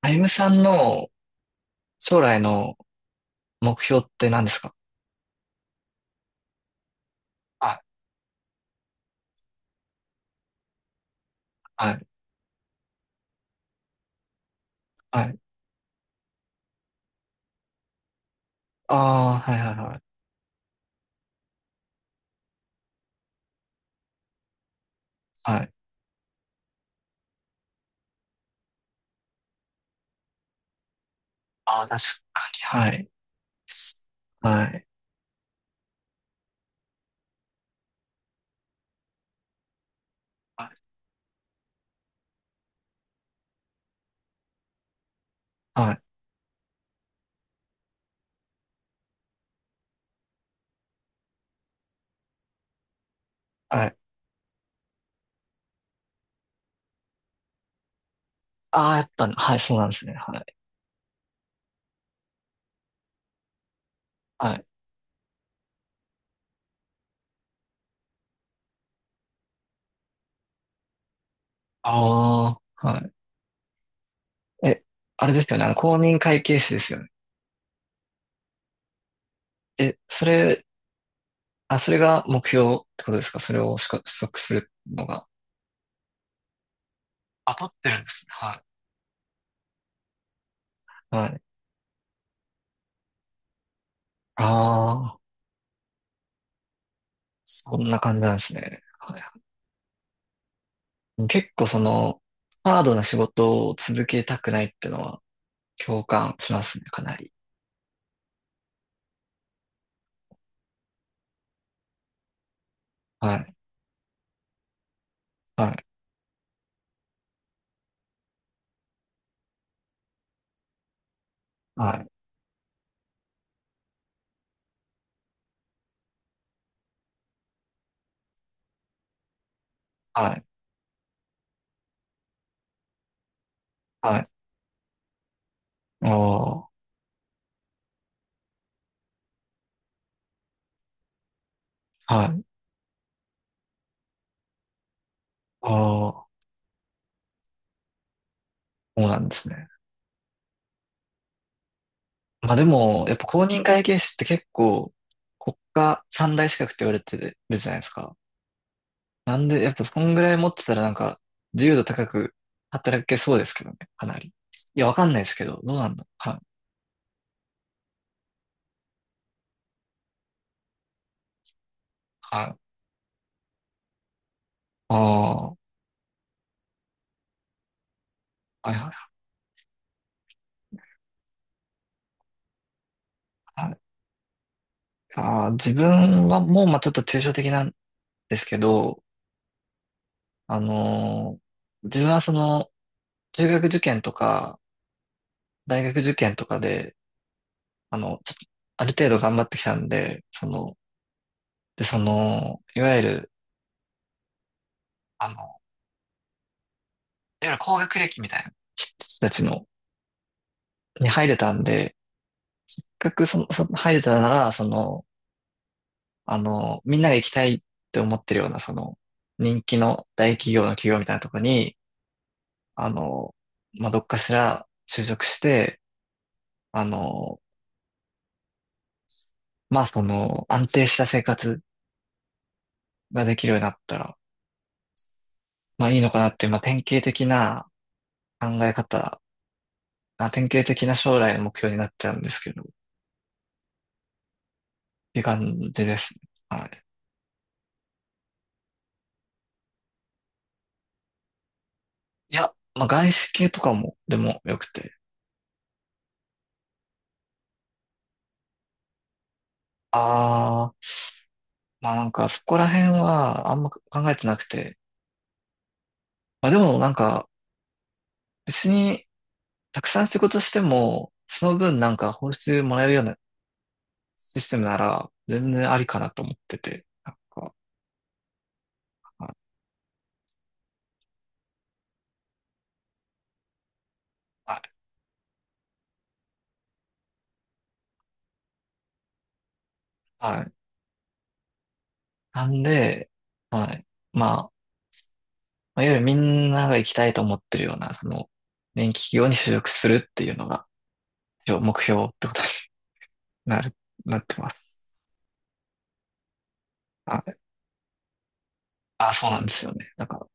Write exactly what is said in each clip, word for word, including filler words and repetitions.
あゆむさんの将来の目標って何ですか？はい、はい、はい。ああ、はい、はい、はい。はい。ああ、確かに、はい。はい、はい、はい。はい。ああ、やっぱ、はい、そうなんですね。はい、はい。ああ、はい。え、あれですよね。あの、公認会計士ですよね。え、それ、あ、それが目標ってことですか？それをしか取得するのが。あ、取ってるんですね。はい。はい。ああ、そんな感じなんですね。はい。結構、その、ハードな仕事を続けたくないってのは共感しますね、かなり。はい、はい、はい、はい、はい。ああ、はい、ああ、そうなんですね。まあでも、やっぱ公認会計士って結構国家三大資格って言われてるじゃないですか。なんで、やっぱそんぐらい持ってたらなんか自由度高く働けそうですけどね、かなり。いや、わかんないですけど、どうなんだ。はい、はい。ああ、はい、はい。はい。あー、自分はもう、まあ、ちょっと抽象的なんですけど、あのー自分はその、中学受験とか、大学受験とかで、あの、ちょっと、ある程度頑張ってきたんで、その、で、その、いわゆる、あの、いわゆる高学歴みたいな人たちの、に入れたんで、せっかくその、そ、入れたなら、その、あの、みんなが行きたいって思ってるような、その、人気の大企業の企業みたいなところに、あの、まあ、どっかしら就職して、あの、まあその安定した生活ができるようになったら、まあいいのかなっていう、まあ典型的な考え方、あ、典型的な将来の目標になっちゃうんですけど、っていう感じですね。はい。いや、まあ外資系とかもでもよくて。ああ、まあなんかそこら辺はあんま考えてなくて。まあでもなんか別にたくさん仕事しても、その分なんか報酬もらえるようなシステムなら全然ありかなと思ってて。なんか、はい。はい、なんで、はい。まあ、まあいわゆるみんなが行きたいと思ってるような、その、電気企業に就職するっていうのが、一応目標ってことになる、なってます。はい。あ、そうなんですよね。だか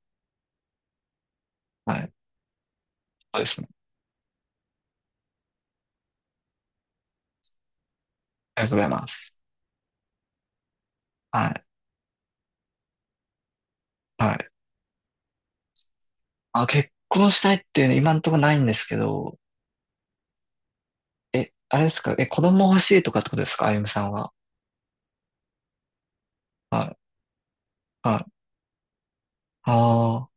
ら、はい。そうですね。ありがとうございます。はい。はい。あ、結婚したいっていうの今んとこないんですけど、え、あれですか？え、子供欲しいとかってことですかあゆむさんは？はい。はい。あー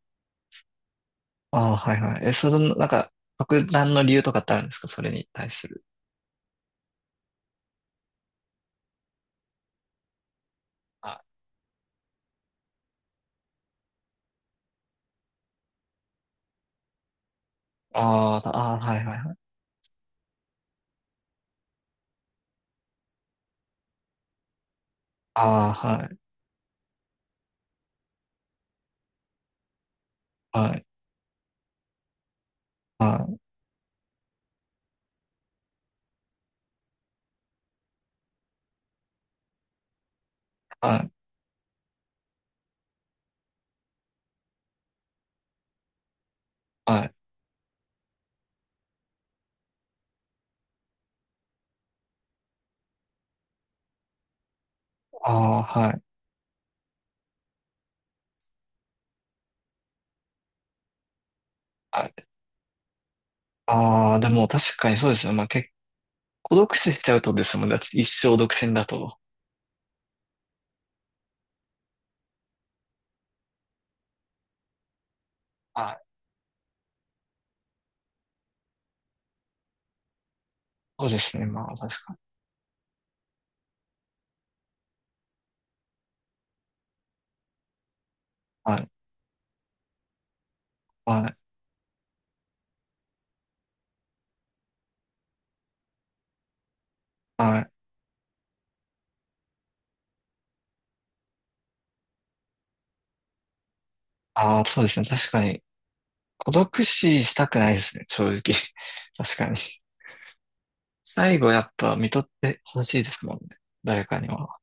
あー、はいはい。え、その、なんか、特段の理由とかってあるんですかそれに対する？はい、あーあー、はいはい、ああ、はい、はい、はい、はい、はい、ああ、はい、はい。ああ、でも確かにそうですね。まあ結構独死しちゃうとですもんね。だって一生独占だと。はい。そうですね。まあ確かに。はい、はい、はい。ああ、そうですね。確かに。孤独死したくないですね。正直。確かに。最後やっぱ看取ってほしいですもんね。誰かには。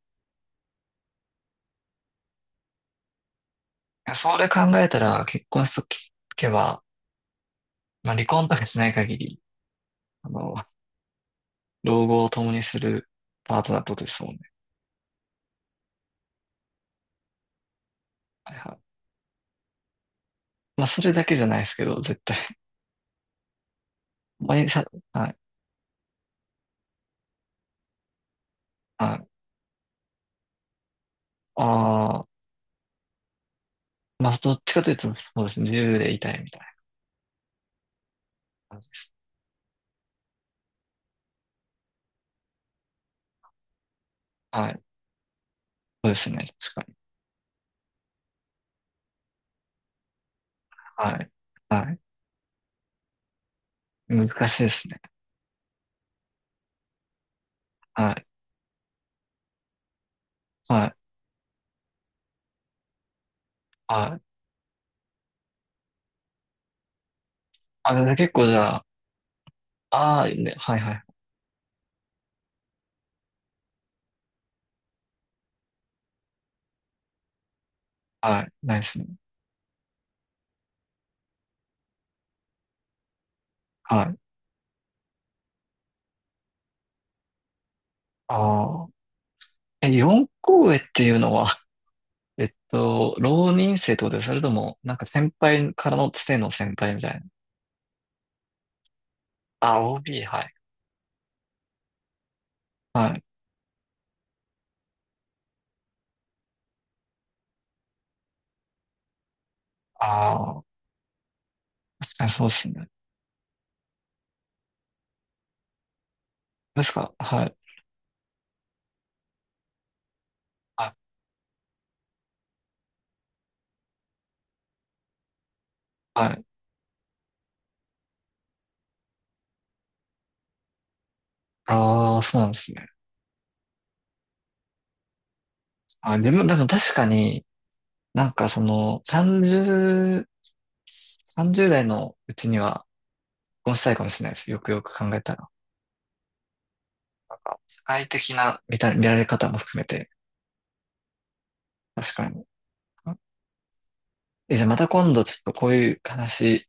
いやそれ考えたら結婚しとけば、まあ離婚とかしない限り、あの、老後を共にするパートナーとですもんね。はい、はい。まあ、それだけじゃないですけど、絶対。毎あ、はい、はい。ああ、まあ、どっちかというと、そうですね。自由でいたいみたいな感じです。はい。そうですね。確かに。はい。はい。難しいですね。はい。はい。はい。あ、で結構じゃあ、ああ、ね、はいはい。はい。ないですね。はい。ああ。え、四校へっていうのは、えっと、浪人生ってことです。それとも、なんか先輩からのつての先輩みたいな？あ、オービー、はい。はい。ああ、確かにそうですね。ですかはい。はい。はい。ああ、そうなんですね。あ、でも、なんか確かに、なんかその、さんじゅう、さんじゅうだい代のうちには結婚したいかもしれないです。よくよく考えたら。社会的な見た、見られ方も含めて。確かに。え、じゃあまた今度ちょっとこういう話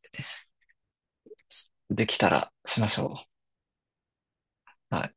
できたらしましょう。はい。